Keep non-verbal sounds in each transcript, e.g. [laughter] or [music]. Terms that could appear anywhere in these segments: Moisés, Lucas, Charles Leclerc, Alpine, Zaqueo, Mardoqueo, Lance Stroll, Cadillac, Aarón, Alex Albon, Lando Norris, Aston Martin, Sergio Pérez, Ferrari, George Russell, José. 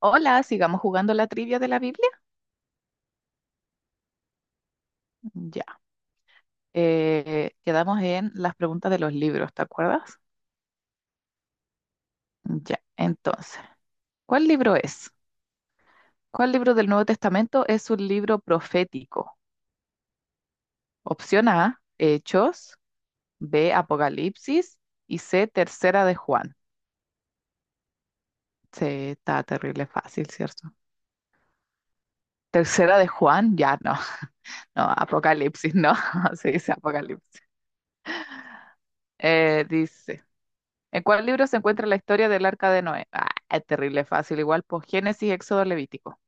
Hola, sigamos jugando la trivia de la Biblia. Ya. Quedamos en las preguntas de los libros, ¿te acuerdas? Ya. Entonces, ¿cuál libro es? ¿Cuál libro del Nuevo Testamento es un libro profético? Opción A, Hechos; B, Apocalipsis; y C, Tercera de Juan. Sí, está terrible fácil, ¿cierto? Tercera de Juan, ya no, [laughs] no, Apocalipsis, no, [laughs] se dice Apocalipsis. Dice, ¿en cuál libro se encuentra la historia del arca de Noé? Ah, es terrible, fácil. Igual, pues Génesis, Éxodo, Levítico.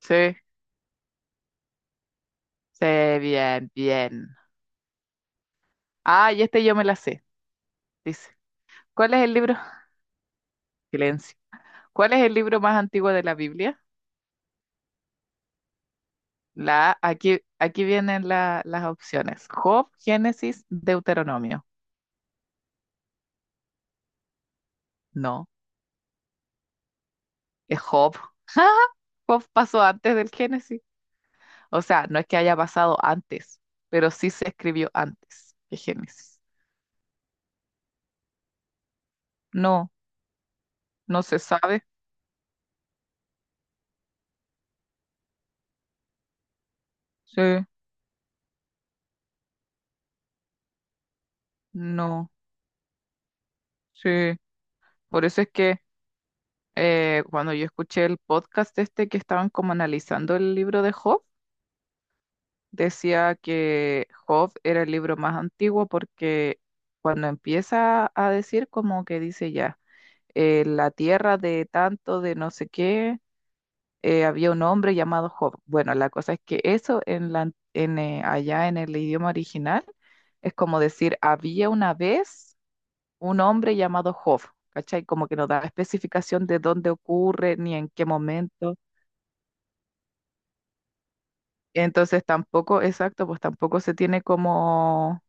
Sí. Sí, bien. Ah, y este yo me la sé. Dice, ¿cuál es el libro? Silencio. ¿Cuál es el libro más antiguo de la Biblia? La, aquí, aquí vienen las opciones. Job, Génesis, Deuteronomio. No, es Job. [laughs] Job pasó antes del Génesis. O sea, no es que haya pasado antes, pero sí se escribió antes que Génesis. No, no se sabe. Sí, no, sí. Por eso es que cuando yo escuché el podcast este que estaban como analizando el libro de Job, decía que Job era el libro más antiguo porque cuando empieza a decir como que dice ya, la tierra de tanto, de no sé qué, había un hombre llamado Job. Bueno, la cosa es que eso en allá en el idioma original es como decir había una vez un hombre llamado Job, ¿cachai? Como que no da especificación de dónde ocurre ni en qué momento. Entonces tampoco, exacto, pues tampoco se tiene como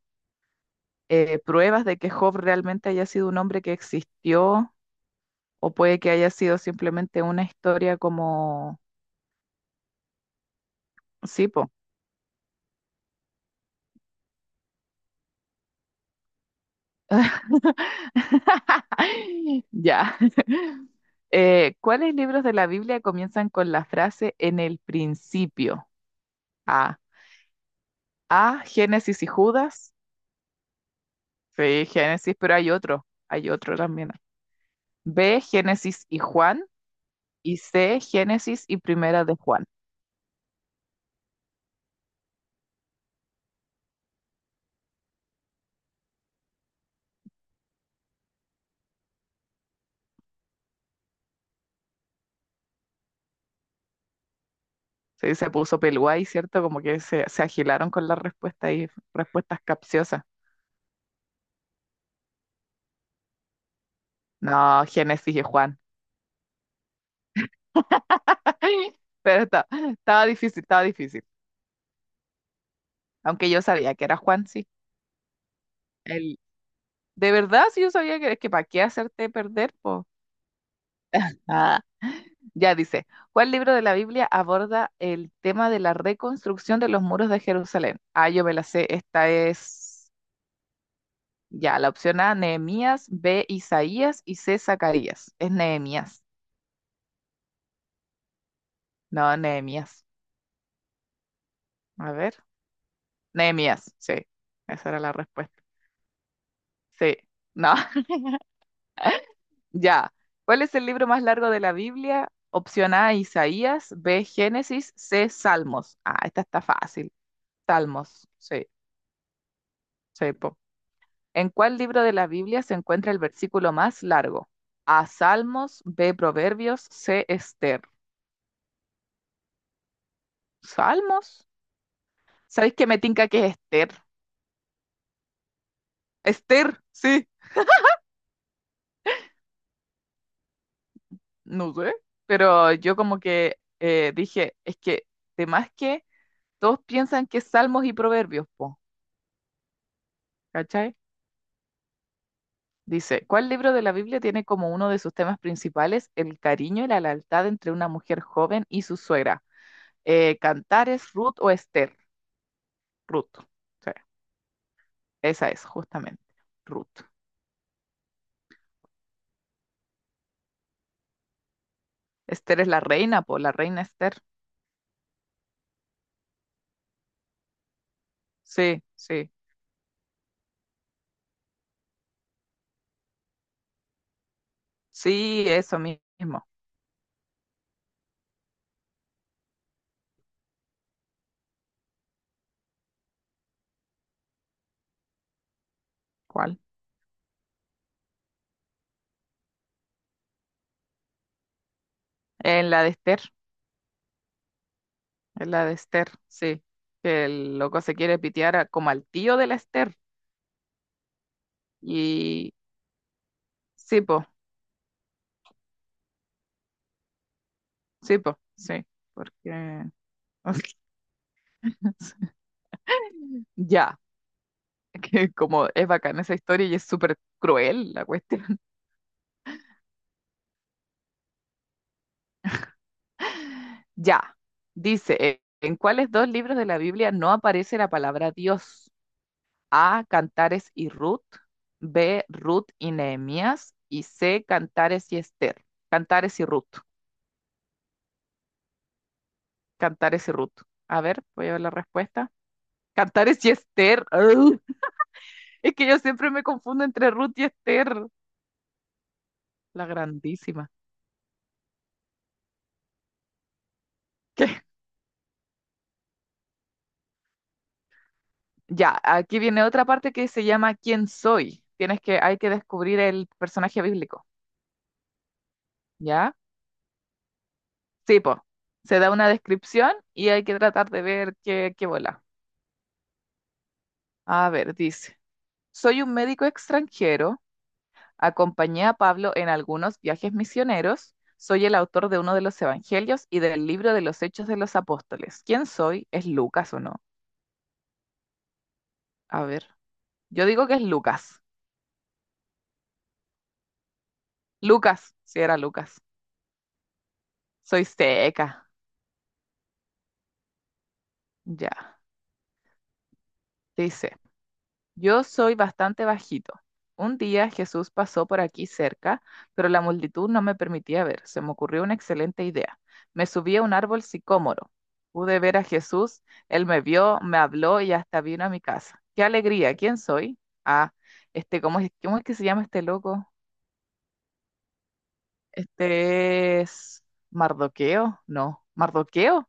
pruebas de que Job realmente haya sido un hombre que existió, o puede que haya sido simplemente una historia como... Sí, po. [laughs] Ya. [laughs] ¿Cuáles libros de la Biblia comienzan con la frase en el principio? A. A, Génesis y Judas. Sí, Génesis, pero hay otro. Hay otro también. B, Génesis y Juan; y C, Génesis y Primera de Juan. Sí, se puso Pelguay, ¿cierto? Como que se agilaron con las respuestas y respuestas capciosas. No, Génesis y Juan. [laughs] Pero estaba difícil, estaba difícil. Aunque yo sabía que era Juan, sí. El, de verdad, sí, yo sabía que para qué hacerte perder, po. Ah, ya dice, ¿cuál libro de la Biblia aborda el tema de la reconstrucción de los muros de Jerusalén? Ah, yo me la sé, esta es... Ya, la opción A, Nehemías; B, Isaías; y C, Zacarías. Es Nehemías. No, Nehemías. A ver. Nehemías, sí. Esa era la respuesta. Sí. No, [laughs] ya. ¿Cuál es el libro más largo de la Biblia? Opción A, Isaías; B, Génesis; C, Salmos. Ah, esta está fácil. Salmos, sí, sí, po. ¿En cuál libro de la Biblia se encuentra el versículo más largo? A, Salmos; B, Proverbios; C, Esther. ¿Salmos? ¿Sabéis que me tinca que es Esther? Esther, sí, no sé, pero yo como que dije, es que, de más que todos piensan que es Salmos y Proverbios, po, ¿cachai? Dice, ¿cuál libro de la Biblia tiene como uno de sus temas principales el cariño y la lealtad entre una mujer joven y su suegra? ¿Cantares, Ruth o Esther? Ruth, sí, esa es, justamente, Ruth. Esther es la reina, po, la reina Esther. Sí, sí, sí, eso mismo. ¿Cuál? En la de Esther. Es la de Esther, sí. Que el loco se quiere pitear como al tío de la Esther. Y sí, po, sí, po, sí. Porque [laughs] ya, que como es bacana esa historia y es súper cruel la cuestión. [laughs] Ya, dice, ¿en cuáles dos libros de la Biblia no aparece la palabra Dios? A, Cantares y Ruth; B, Ruth y Nehemías; y C, Cantares y Esther. Cantares y Ruth. Cantares y Ruth. A ver, voy a ver la respuesta. Cantar es Yester. ¡Ugh! Es que yo siempre me confundo entre Ruth y Esther. La grandísima. ¿Qué? Ya, aquí viene otra parte que se llama ¿Quién soy? Tienes que, hay que descubrir el personaje bíblico. ¿Ya? Sí, po. Se da una descripción y hay que tratar de ver qué, qué bola. A ver, dice. Soy un médico extranjero. Acompañé a Pablo en algunos viajes misioneros. Soy el autor de uno de los evangelios y del libro de los Hechos de los Apóstoles. ¿Quién soy? ¿Es Lucas o no? A ver. Yo digo que es Lucas. Lucas, sí era Lucas. Soy seca. Ya. Dice, yo soy bastante bajito. Un día Jesús pasó por aquí cerca, pero la multitud no me permitía ver. Se me ocurrió una excelente idea. Me subí a un árbol sicómoro. Pude ver a Jesús, él me vio, me habló y hasta vino a mi casa. ¡Qué alegría! ¿Quién soy? Ah, este, cómo es que se llama este loco? Este es Mardoqueo, no, Mardoqueo.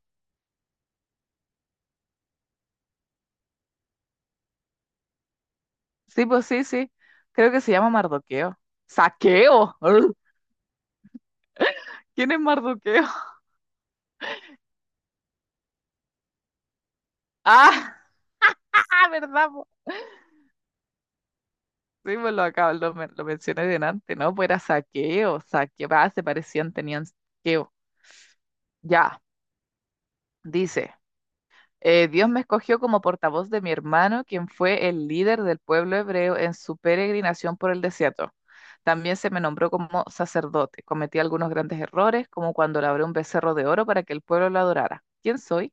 Sí, pues sí, sí. Creo que se llama Mardoqueo. ¡Saqueo! [laughs] ¡Ur! ¿Quién es Mardoqueo? [laughs] ¡Ah! ¡Ah, verdad, po! Sí, pues lo acabo, lo, lo mencioné delante, ¿no? Pues era saqueo, saqueo. Ah, se parecían, tenían saqueo. Ya, dice, Dios me escogió como portavoz de mi hermano, quien fue el líder del pueblo hebreo en su peregrinación por el desierto. También se me nombró como sacerdote. Cometí algunos grandes errores, como cuando labré un becerro de oro para que el pueblo lo adorara. ¿Quién soy?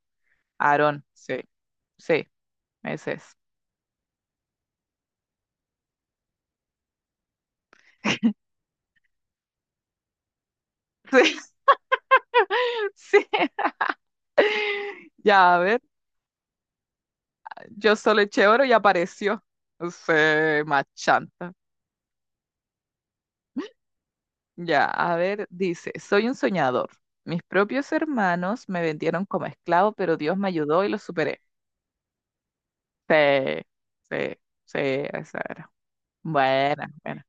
Aarón. Sí. Sí, ese es. [laughs] Sí, sí. Ya, a ver, yo solo eché oro y apareció. Se machanta. Ya, a ver, dice, soy un soñador. Mis propios hermanos me vendieron como esclavo, pero Dios me ayudó y lo superé. Sí, sí, sí, esa era. Buena, buena.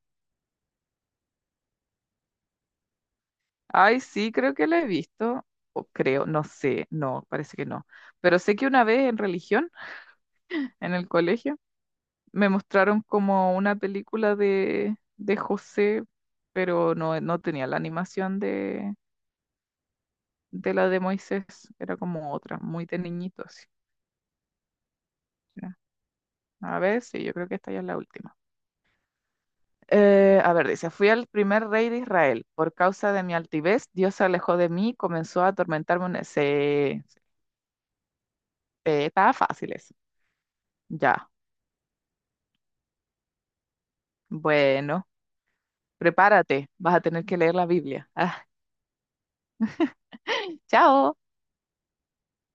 Ay, sí, creo que la he visto. O creo, no sé, no, parece que no. Pero sé que una vez en religión, en el colegio, me mostraron como una película de José, pero no, no tenía la animación de la de Moisés, era como otra, muy de niñito así. Ya. A ver, sí, yo creo que esta ya es la última. A ver, dice, fui el primer rey de Israel. Por causa de mi altivez, Dios se alejó de mí y comenzó a atormentarme. Se... estaba fácil eso. Ya, bueno, prepárate, vas a tener que leer la Biblia. Ah, [laughs] chao.